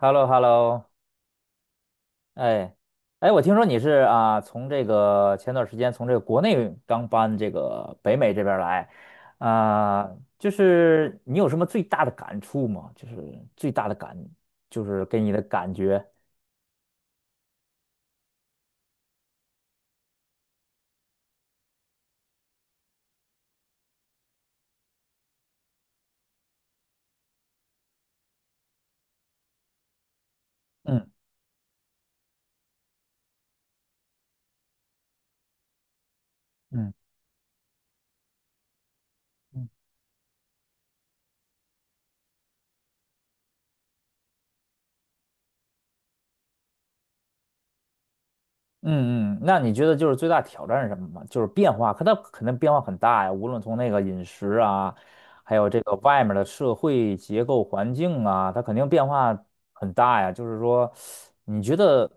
h e l l o h e l l o。 哎，哎，我听说你是啊，从这个前段时间从这个国内刚搬这个北美这边儿来。啊、就是你有什么最大的感触吗？就是最大的感，就是给你的感觉。嗯嗯嗯嗯嗯。那你觉得就是最大挑战是什么吗？就是变化，可它肯定变化很大呀，无论从那个饮食啊，还有这个外面的社会结构环境啊，它肯定变化很大呀。就是说，你觉得，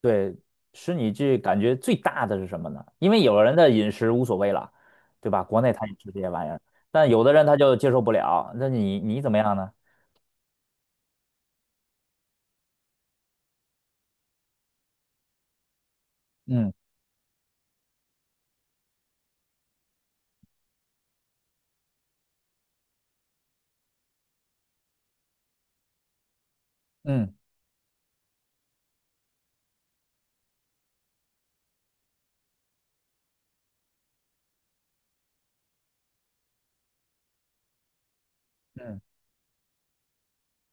对，使你这感觉最大的是什么呢？因为有人的饮食无所谓了，对吧？国内他也吃这些玩意儿，但有的人他就接受不了。那你怎么样呢？嗯嗯嗯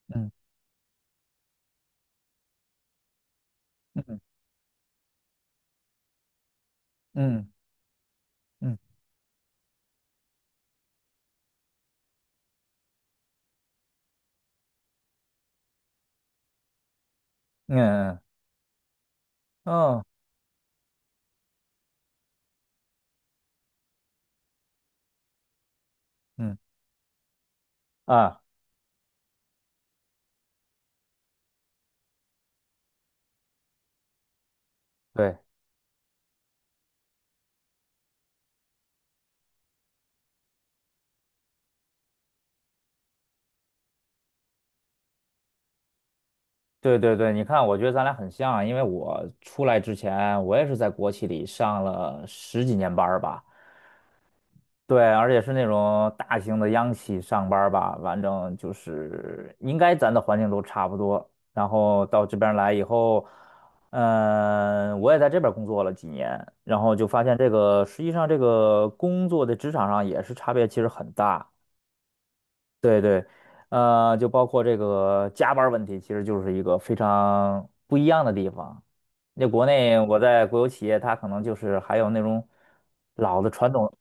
嗯嗯嗯嗯嗯嗯嗯嗯啊。嗯，对对对对，你看，我觉得咱俩很像啊，因为我出来之前，我也是在国企里上了十几年班儿吧，对，而且是那种大型的央企上班儿吧，反正就是应该咱的环境都差不多。然后到这边儿来以后，嗯、我也在这边儿工作了几年，然后就发现这个实际上这个工作的职场上也是差别其实很大。对对，就包括这个加班儿问题，其实就是一个非常不一样的地方。那国内我在国有企业，它可能就是还有那种老的传统，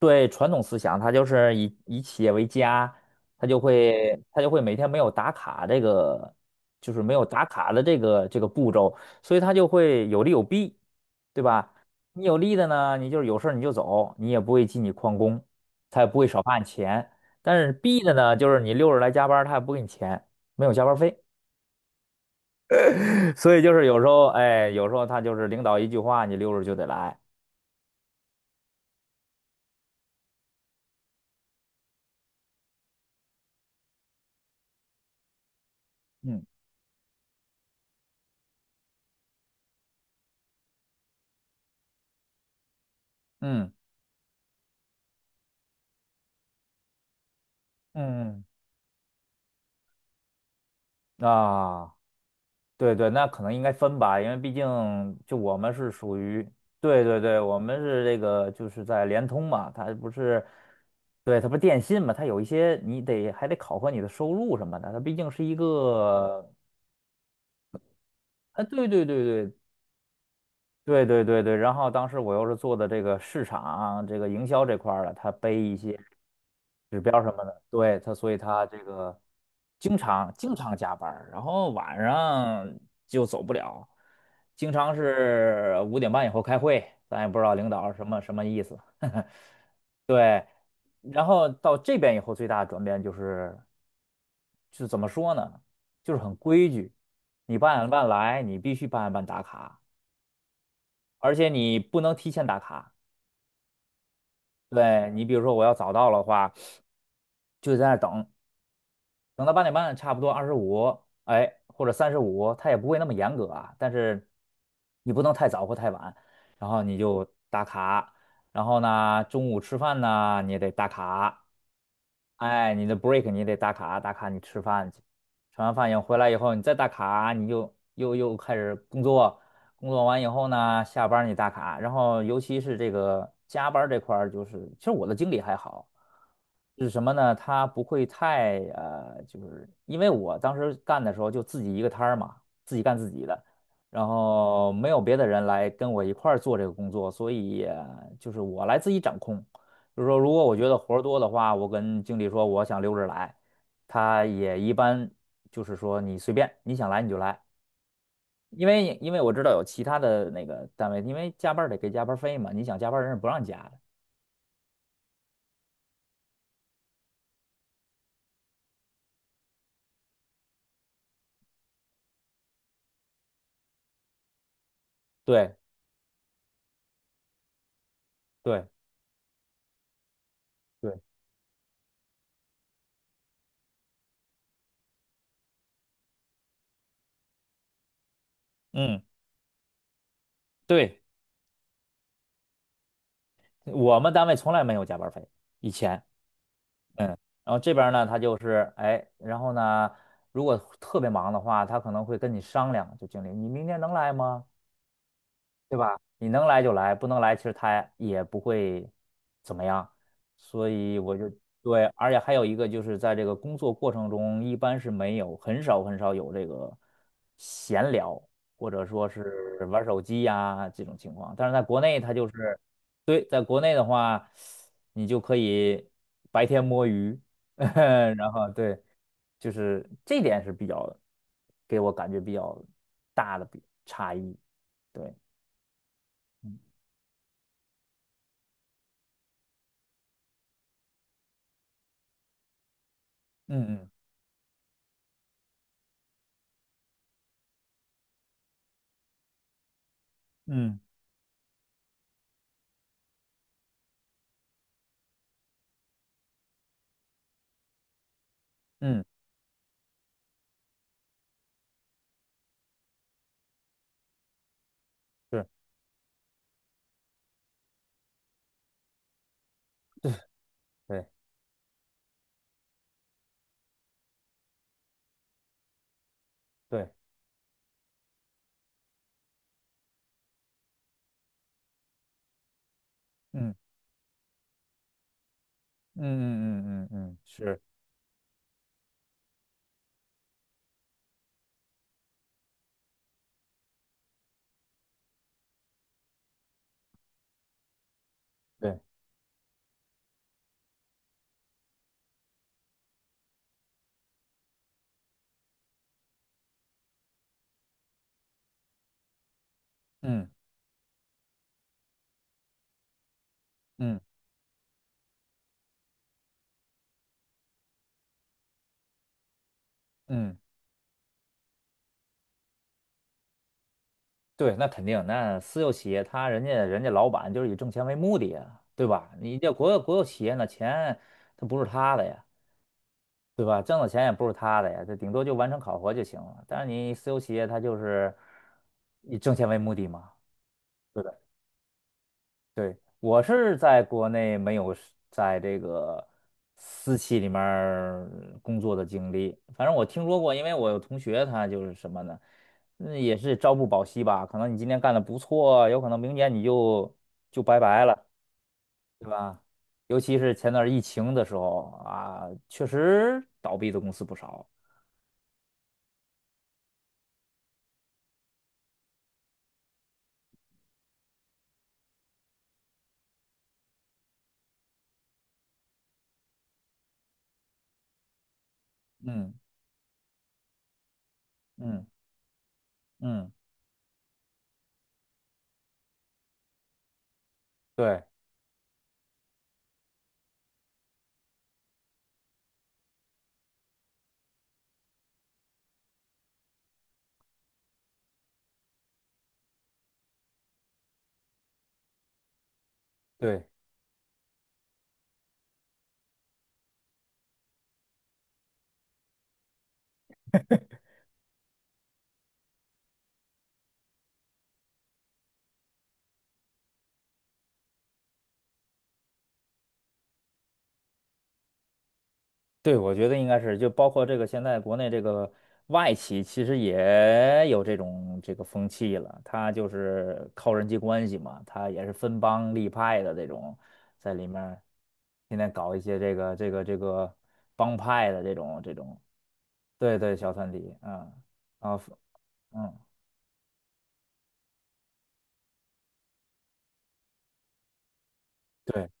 对传统思想，它就是以企业为家，它就会每天没有打卡这个，就是没有打卡的这个这个步骤，所以它就会有利有弊，对吧？你有利的呢，你就是有事儿你就走，你也不会记你旷工，他也不会少发你钱。但是 B 的呢，就是你六日来加班儿他也不给你钱，没有加班儿费。所以就是有时候，哎，有时候他就是领导一句话，你六日就得来。嗯嗯嗯啊，对对，那可能应该分吧，因为毕竟就我们是属于，对对对，我们是这个就是在联通嘛，它不是，对，它不是电信嘛，它有一些你得还得考核你的收入什么的，它毕竟是一个。啊，对对对对对对对对，然后当时我又是做的这个市场啊、这个营销这块儿的，他背一些指标什么的，对他，所以他这个经常经常加班儿然后晚上就走不了，经常是5:30以后开会，咱也不知道领导什么什么意思。然后到这边以后，最大的转变就是，就是怎么说呢，就是很规矩，你八点半来，你必须八点半打卡，而且你不能提前打卡。对你比如说我要早到的话，就在那儿等，等到八点半，差不多25，哎，或者35，他也不会那么严格啊，但是你不能太早或太晚，然后你就打卡，然后呢，中午吃饭呢你也得打卡，哎，你的 break 你也得打卡，打卡你吃饭去，吃完饭以后回来以后你再打卡，你就又开始工作，工作完以后呢，下班儿你打卡，然后尤其是这个加班儿这块儿，就是其实我的经理还好，是什么呢？他不会太就是因为我当时干的时候就自己一个摊儿嘛，自己干自己的，然后没有别的人来跟我一块儿做这个工作，所以就是我来自己掌控。就是说，如果我觉得活儿多的话，我跟经理说我想溜着来，他也一般就是说你随便，你想来你就来。因为我知道有其他的那个单位，因为加班儿得给加班儿费嘛，你想加班儿人是不让加的。对对对，嗯，对，我们单位从来没有加班儿费，以前，嗯，然后这边儿呢，他就是哎，然后呢，如果特别忙的话，他可能会跟你商量，就经理，你明天能来吗？对吧？你能来就来，不能来其实他也不会怎么样。所以我就对，而且还有一个就是在这个工作过程中，一般是没有，很少很少有这个闲聊，或者说是玩手机呀、这种情况。但是在国内，他就是对，在国内的话，你就可以白天摸鱼。然后对，就是这点是比较给我感觉比较大的比差异，对。嗯嗯嗯嗯嗯，是，对对，嗯嗯嗯嗯嗯嗯，是，对，嗯嗯嗯，对，那肯定，那私有企业他人家老板就是以挣钱为目的呀，对吧？你这国有企业那钱它不是他的呀，对吧？挣的钱也不是他的呀，这顶多就完成考核就行了。但是你私有企业他就是以挣钱为目的嘛。对对，我是在国内没有是在这个私企里面儿工作的经历，反正我听说过，因为我有同学他就是什么呢，嗯，也是朝不保夕吧，可能你今天干的不错，有可能明年你就拜拜了，对吧？尤其是前段儿疫情的时候啊，确实倒闭的公司不少。嗯嗯嗯，对对。对，我觉得应该是，就包括这个现在国内这个外企，其实也有这种这个风气了。他就是靠人际关系嘛，他也是分帮立派的这种，在里面儿天天搞一些这个这个这个帮派的这种这种，对对，小团体，嗯，啊，嗯，对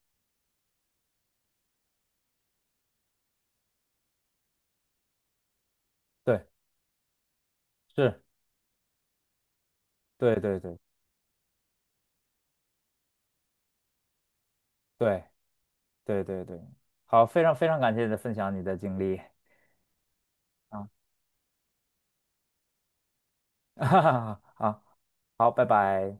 对是，对对对对对对对，好，非常非常感谢你的分享，你的经历啊。哈哈哈，好好，拜拜。